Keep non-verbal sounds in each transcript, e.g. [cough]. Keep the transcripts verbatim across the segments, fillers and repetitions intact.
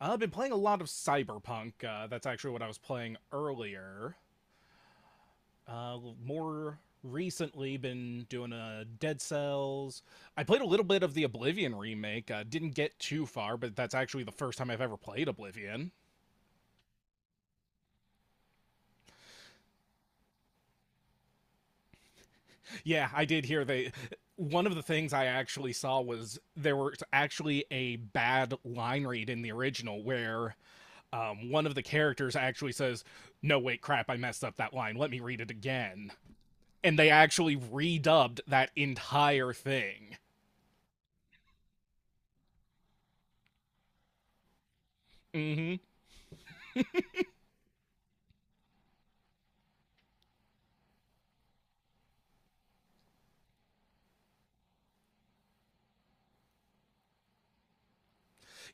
I've been playing a lot of Cyberpunk. Uh, that's actually what I was playing earlier. Uh, more recently, been doing a uh, Dead Cells. I played a little bit of the Oblivion remake. Uh, didn't get too far, but that's actually the first time I've ever played Oblivion. Yeah, I did hear they. One of the things I actually saw was there was actually a bad line read in the original where um, one of the characters actually says, "No, wait, crap, I messed up that line. Let me read it again," and they actually redubbed that entire thing. Hmm.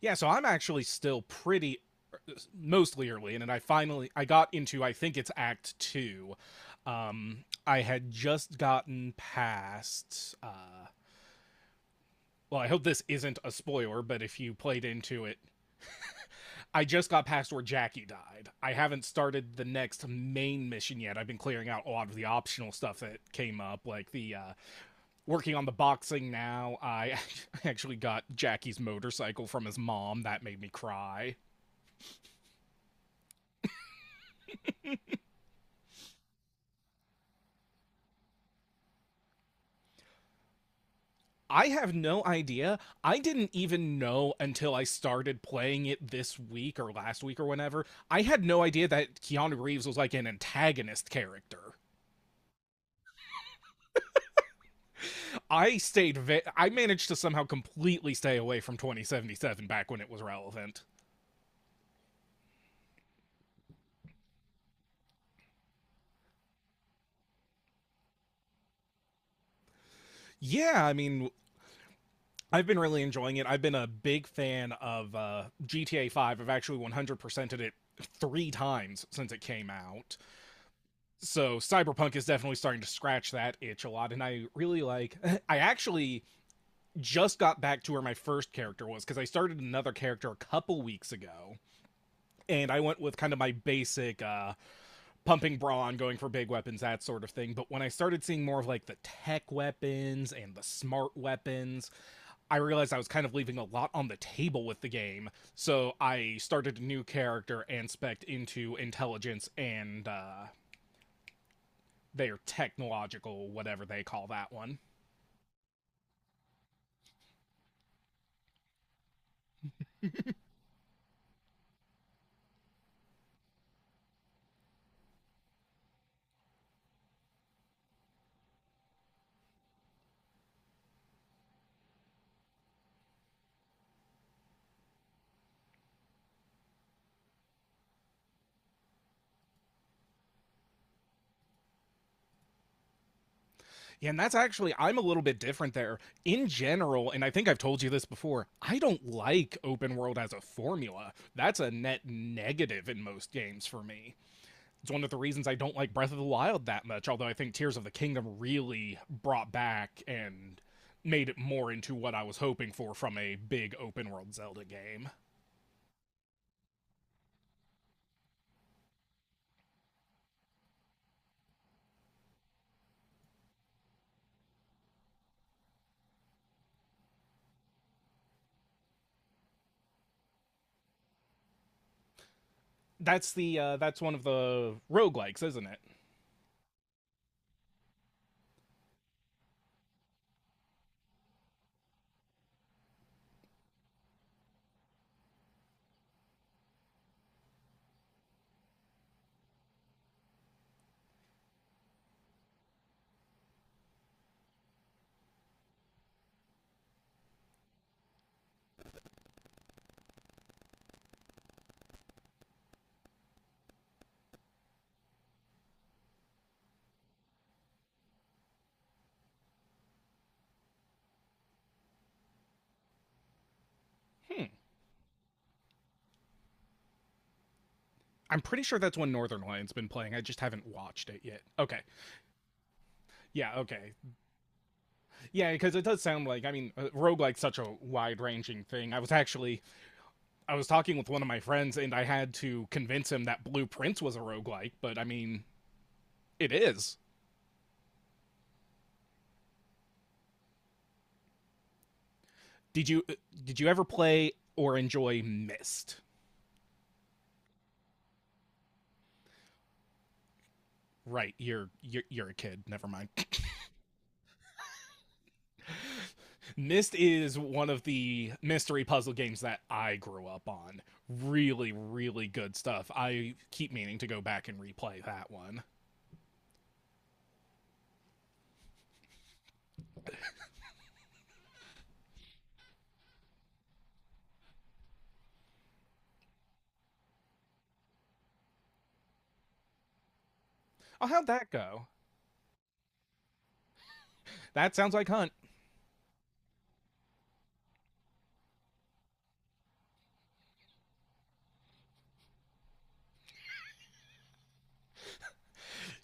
Yeah, so I'm actually still pretty mostly early in, and I finally I got into I think it's Act Two. Um, I had just gotten past. Uh, well, I hope this isn't a spoiler, but if you played into it, I just got past where Jackie died. I haven't started the next main mission yet. I've been clearing out a lot of the optional stuff that came up, like the uh, working on the boxing now. I [laughs] actually got Jackie's motorcycle from his mom. That made me cry. I have no idea. I didn't even know until I started playing it this week or last week or whenever. I had no idea that Keanu Reeves was like an antagonist character. I stayed va- I managed to somehow completely stay away from twenty seventy-seven back when it was relevant. Yeah, I mean, I've been really enjoying it. I've been a big fan of uh, G T A five. I've actually one hundred percent ed it three times since it came out. So Cyberpunk is definitely starting to scratch that itch a lot. And I really like, [laughs] I actually just got back to where my first character was because I started another character a couple weeks ago. And I went with kind of my basic uh, pumping brawn, going for big weapons, that sort of thing. But when I started seeing more of like the tech weapons and the smart weapons, I realized I was kind of leaving a lot on the table with the game. So I started a new character and spec into intelligence and uh, their technological, whatever they call that one. Yeah, and that's actually, I'm a little bit different there. In general, and I think I've told you this before, I don't like open world as a formula. That's a net negative in most games for me. It's one of the reasons I don't like Breath of the Wild that much, although I think Tears of the Kingdom really brought back and made it more into what I was hoping for from a big open world Zelda game. That's the uh, that's one of the roguelikes, isn't it? Hmm. I'm pretty sure that's one Northern Lion's been playing. I just haven't watched it yet. Okay. Yeah, okay. Yeah, because it does sound like, I mean, uh, roguelike's such a wide ranging thing. I was actually, I was talking with one of my friends and I had to convince him that Blue Prince was a roguelike, but I mean, it is. Did you uh, did you ever play or enjoy Mist? Right, you're you're, you're a kid. Never mind. [laughs] Mist is one of the mystery puzzle games that I grew up on. Really, really good stuff. I keep meaning to go back and replay that one. Oh, how'd that go? That sounds like Hunt.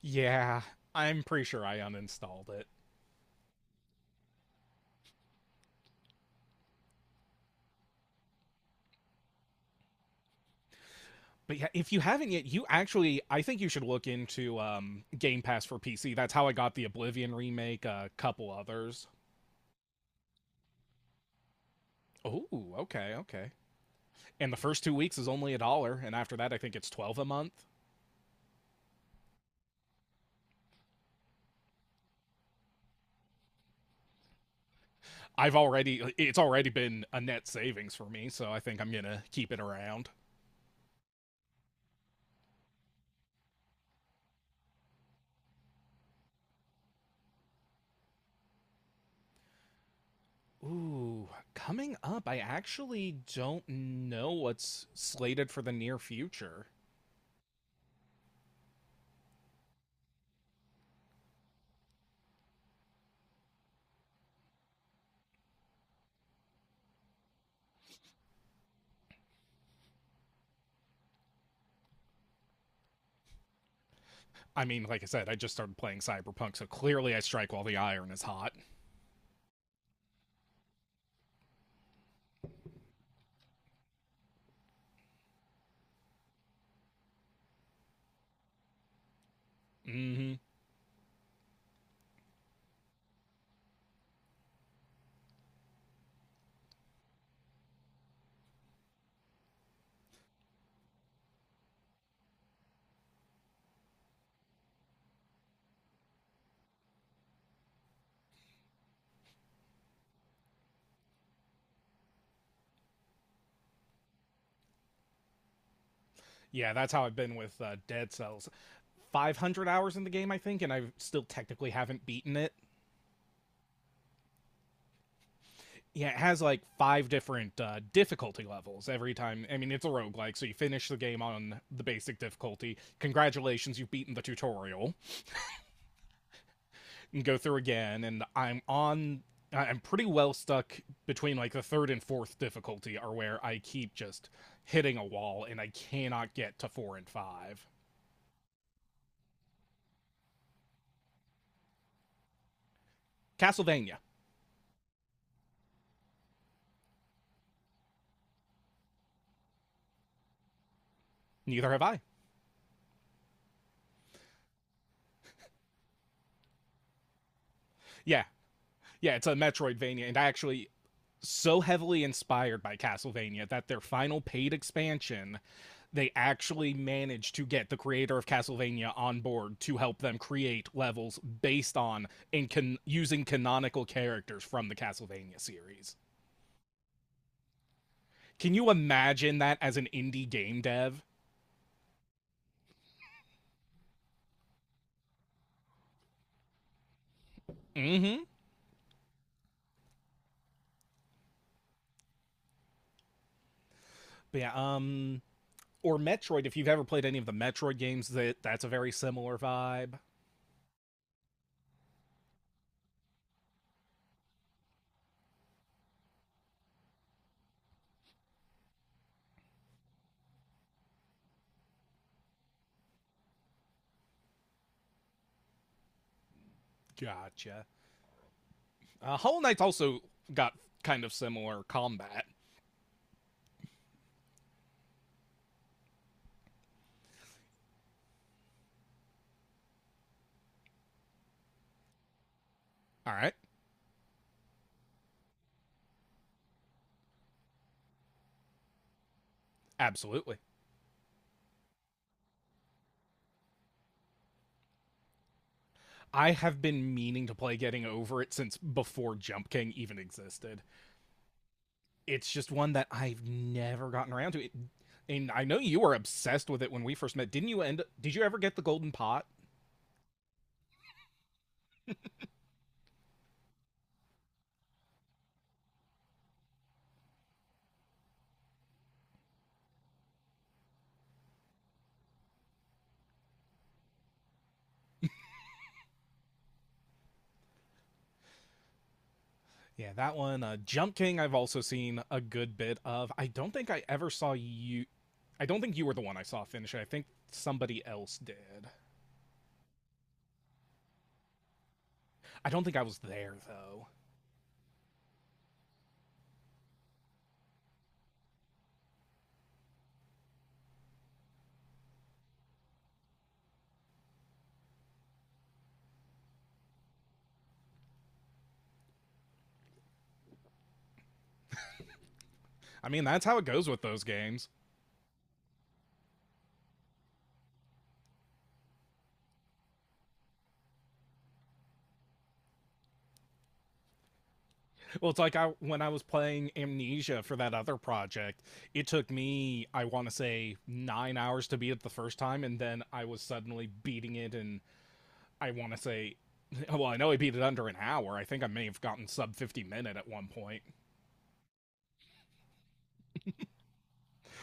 Yeah, I'm pretty sure I uninstalled it. But yeah, if you haven't yet, you actually, I think you should look into um, Game Pass for P C. That's how I got the Oblivion remake, uh, a couple others. Oh, okay, okay. And the first two weeks is only a dollar, and after that I think it's twelve a month. I've already it's already been a net savings for me, so I think I'm gonna keep it around. Ooh, coming up I actually don't know what's slated for the near future. I mean, like I said, I just started playing Cyberpunk, so clearly I strike while the iron is hot. Mm-hmm. Yeah, that's how I've been with uh, Dead Cells. five hundred hours in the game I think, and I still technically haven't beaten it. Yeah, it has like five different uh, difficulty levels every time. I mean, it's a roguelike, so you finish the game on the basic difficulty. Congratulations, you've beaten the tutorial. And go through again, and I'm on. I- I'm pretty well stuck between like the third and fourth difficulty, are where I keep just hitting a wall and I cannot get to four and five. Castlevania. Neither have I. Yeah, Yeah, it's a Metroidvania, and actually so heavily inspired by Castlevania that their final paid expansion, they actually managed to get the creator of Castlevania on board to help them create levels based on and can using canonical characters from the Castlevania series. Can you imagine that as an indie game dev? Mm-hmm. But yeah, um or Metroid, if you've ever played any of the Metroid games, that that's a very similar vibe. Gotcha. Uh, Hollow Knight's also got kind of similar combat. All right, absolutely. I have been meaning to play Getting Over It since before Jump King even existed. It's just one that I've never gotten around to. It, and I know you were obsessed with it when we first met. Didn't you end? Did you ever get the Golden Pot? Yeah, that one. Uh, Jump King. I've also seen a good bit of. I don't think I ever saw you. I don't think you were the one I saw finish it. I think somebody else did. I don't think I was there though. I mean, that's how it goes with those games. Well, it's like I when I was playing Amnesia for that other project, it took me I want to say nine hours to beat it the first time, and then I was suddenly beating it in I want to say [laughs] well, I know I beat it under an hour. I think I may have gotten sub fifty minute at one point.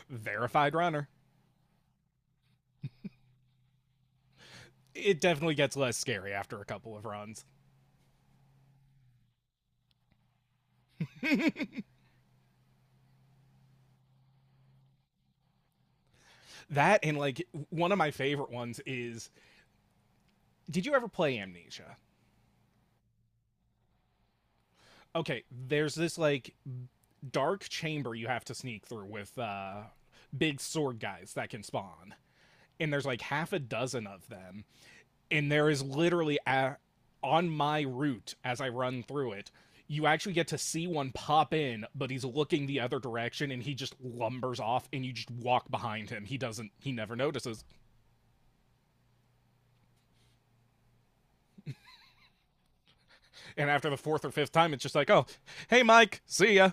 Verified runner. It definitely gets less scary after a couple of runs. That and like one of my favorite ones is did you ever play Amnesia? Okay, there's this like dark chamber you have to sneak through with uh, big sword guys that can spawn. And there's like half a dozen of them. And there is literally a, on my route as I run through it, you actually get to see one pop in, but he's looking the other direction and he just lumbers off and you just walk behind him. He doesn't, he never notices. And after the fourth or fifth time, it's just like, oh, hey, Mike, see ya.